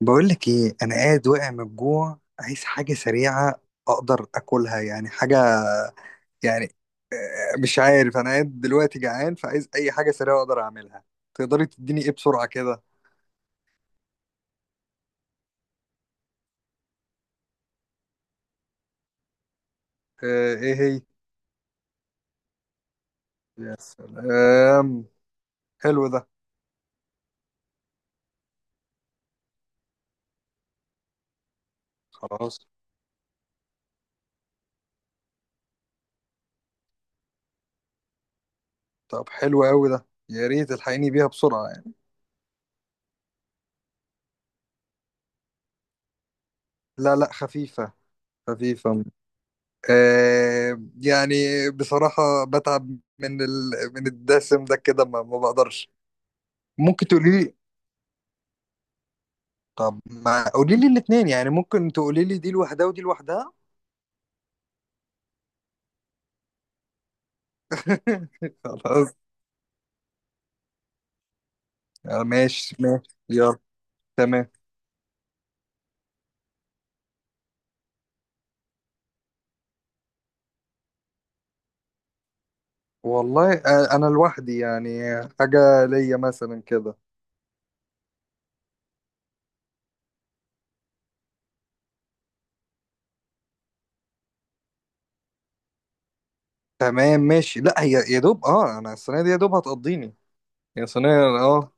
بقول لك ايه، انا قاعد واقع من الجوع، عايز حاجه سريعه اقدر اكلها يعني، حاجه يعني. آه، مش عارف، انا قاعد دلوقتي جعان، فعايز اي حاجه سريعه اقدر اعملها. تقدري تديني ايه بسرعه كده؟ آه، ايه هي؟ يا سلام، حلو ده. خلاص. طب حلو قوي ده، يا ريت الحقيني بيها بسرعه يعني. لا لا، خفيفه خفيفه. آه يعني، بصراحه بتعب من الدسم ده كده، ما بقدرش. ممكن تقولي لي. طب ما قولي لي الاثنين يعني، ممكن تقولي لي دي لوحدها ودي لوحدها. خلاص. آه، ماشي ماشي يلا. تمام. والله آه، انا لوحدي يعني، حاجة ليا مثلا كده. تمام ماشي. لا هي يا دوب، اه انا الصينية دي يا دوب هتقضيني. يا صينية اه.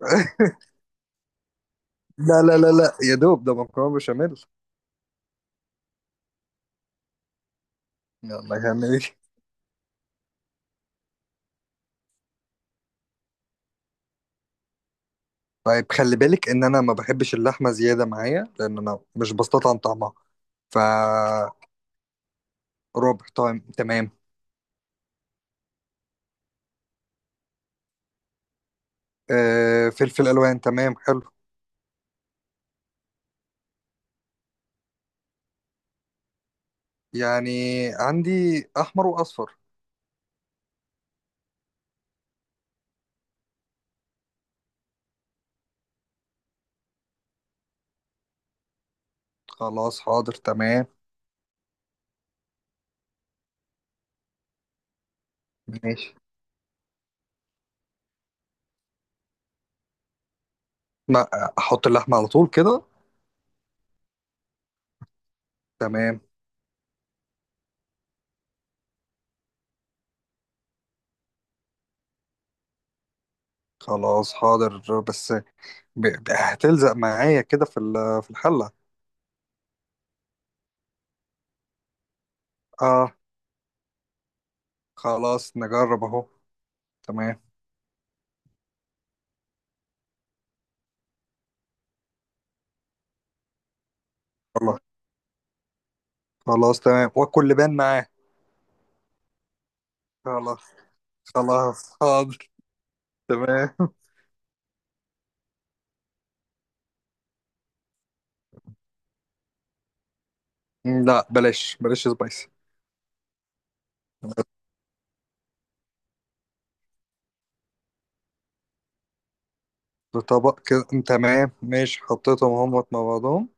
لا لا لا لا، يا دوب ده مكرونة بشاميل. يلا هنعمل ايه؟ طيب خلي بالك ان انا ما بحبش اللحمة زيادة معايا، لان انا مش بستطعم طعمها. ف ربع طيب، تمام. آه، فلفل الوان، تمام حلو. يعني عندي احمر واصفر. خلاص حاضر تمام ماشي. ما احط اللحمه على طول كده تمام. خلاص حاضر. بس هتلزق معايا كده في الحله. اه خلاص نجرب اهو. تمام. خلاص. خلاص تمام، واكل لبان معاه. خلاص. خلاص حاضر. تمام. لا، بلاش بلاش سبايسي. في طبق كده، تمام ماشي، حطيتهم هم مع بعضهم.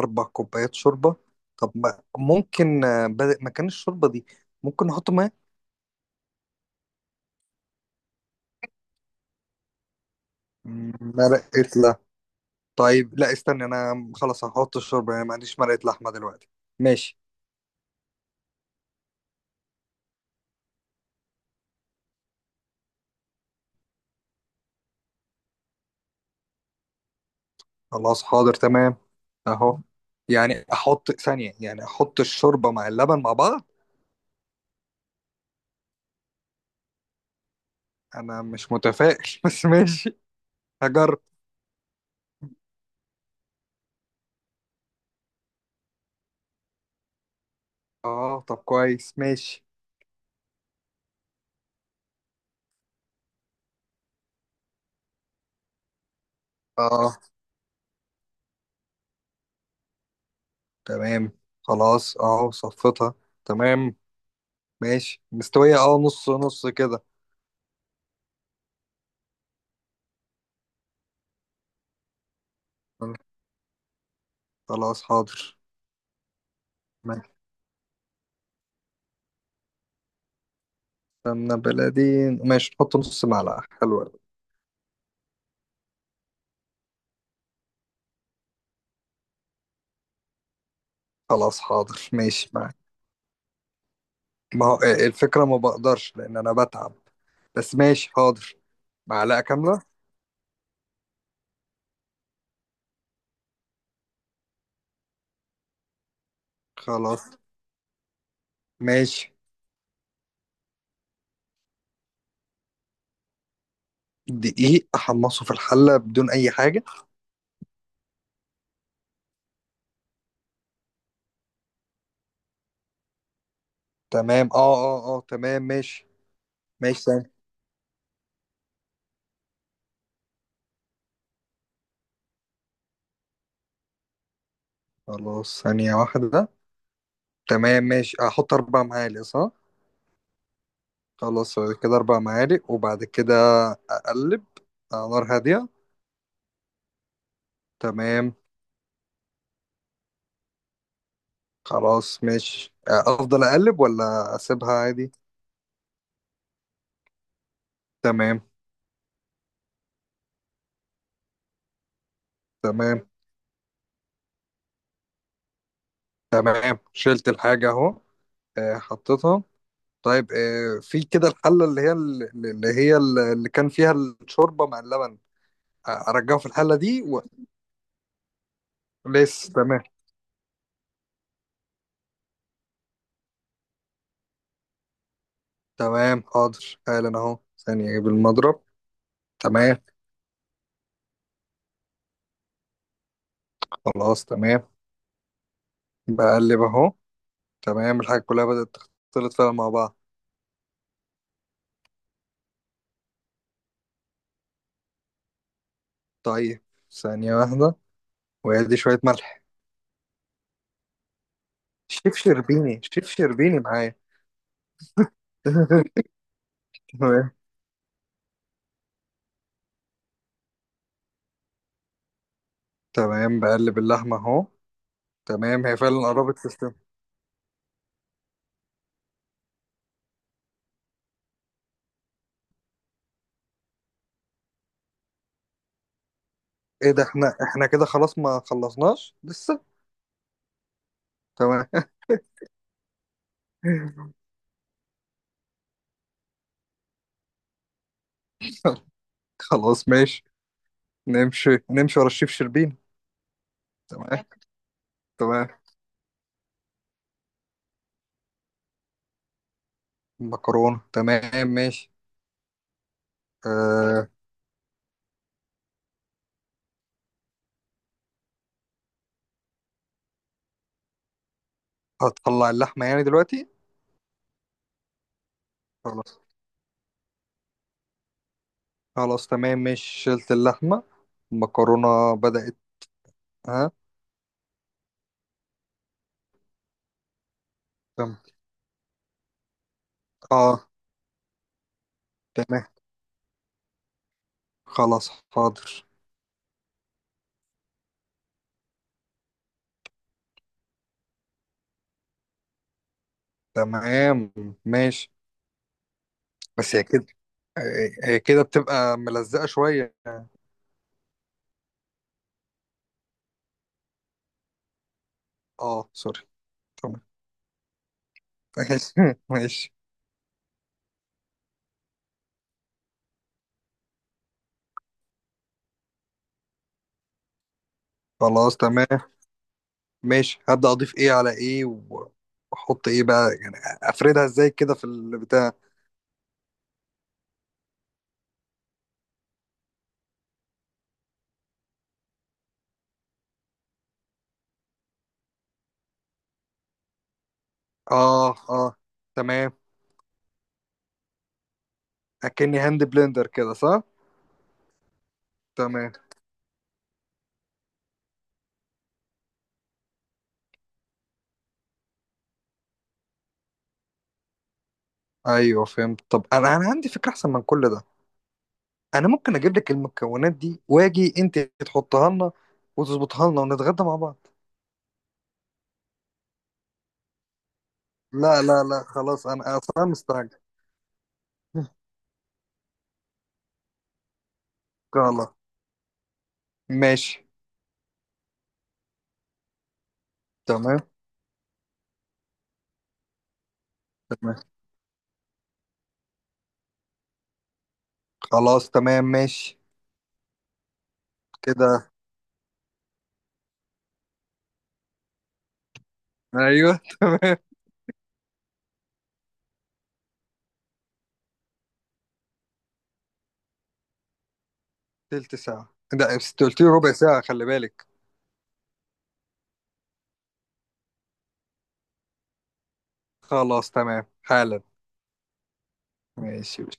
أربع كوبايات شوربة. طب ما ممكن آه، بدل مكان الشوربة دي، ممكن نحط ماء؟ مرقة لحمة. طيب لا استنى، أنا خلاص هحط الشوربة يعني، ما عنديش مرقة لحمة دلوقتي. ماشي. خلاص حاضر تمام. أهو. يعني أحط ثانية، يعني أحط الشوربة مع اللبن مع بعض. أنا مش متفائل بس ماشي. هجرب. أه طب كويس ماشي. أه تمام. خلاص أه صفتها. تمام ماشي مستوية أه، نص نص كده. خلاص حاضر. ماشي، سمنة بلدي. ماشي، نحط نص معلقة حلوة أوي. خلاص حاضر ماشي معاك. ما هو إيه، الفكرة ما بقدرش لأن أنا بتعب. بس ماشي حاضر. معلقة كاملة. خلاص. ماشي. دقيق أحمصه في الحلة بدون أي حاجة. تمام اه اه اه، تمام ماشي. ماشي ثانية. خلاص ثانية واحدة. تمام ماشي، أحط أربع معالق صح؟ خلاص. كده أربع معالق، وبعد كده أقلب على نار هادية. تمام. خلاص ماشي. آه، افضل اقلب ولا اسيبها عادي؟ تمام. تمام تمام، شلت الحاجة اهو. آه، حطيتها. طيب آه، في كده الحلة اللي هي اللي كان فيها الشوربة مع اللبن. آه، ارجعه في الحلة دي لسه. تمام. تمام حاضر حالا اهو، ثانية اجيب المضرب. تمام. خلاص تمام. بقلب اهو. تمام، الحاجة كلها بدأت تختلط فعلا مع بعض. طيب ثانية واحدة، وادي شوية ملح. شيف شربيني، شيف شربيني معايا. تمام. تمام، بقلب اللحمة اهو. تمام، هي فعلا قربت تستوي. ايه ده، احنا كده خلاص، ما خلصناش لسه؟ تمام. خلاص ماشي. نمشي نمشي ورا الشيف شربين. تمام. تمام. مكرونة، تمام ماشي. أه. هتطلع اللحمة يعني دلوقتي؟ خلاص. خلاص تمام ماشي، شلت اللحمة، المكرونة بدأت. ها. تمام. اه تمام. خلاص حاضر. تمام ماشي. بس هي كده، هي كده بتبقى ملزقة شوية. اه سوري. تمام. ماشي. ماشي. خلاص تمام ماشي. هبدأ أضيف إيه على إيه، و- وأحط إيه بقى يعني؟ أفردها إزاي كده في البتاع؟ اه اه تمام. أكني هاند بلندر كده صح؟ تمام. أيوه فهمت. طب أنا عندي فكرة أحسن من كل ده. أنا ممكن أجيب لك المكونات دي، وأجي أنت تحطها لنا، وتظبطها لنا ونتغدى مع بعض. لا لا لا، خلاص أنا أصلا مستعجل. خلاص ماشي. تمام. تمام. خلاص تمام ماشي كده. ايوه. تمام. تلت ساعة؟ ده انت قلت لي ربع ساعة، خلي بالك. خلاص تمام حالا. ماشي.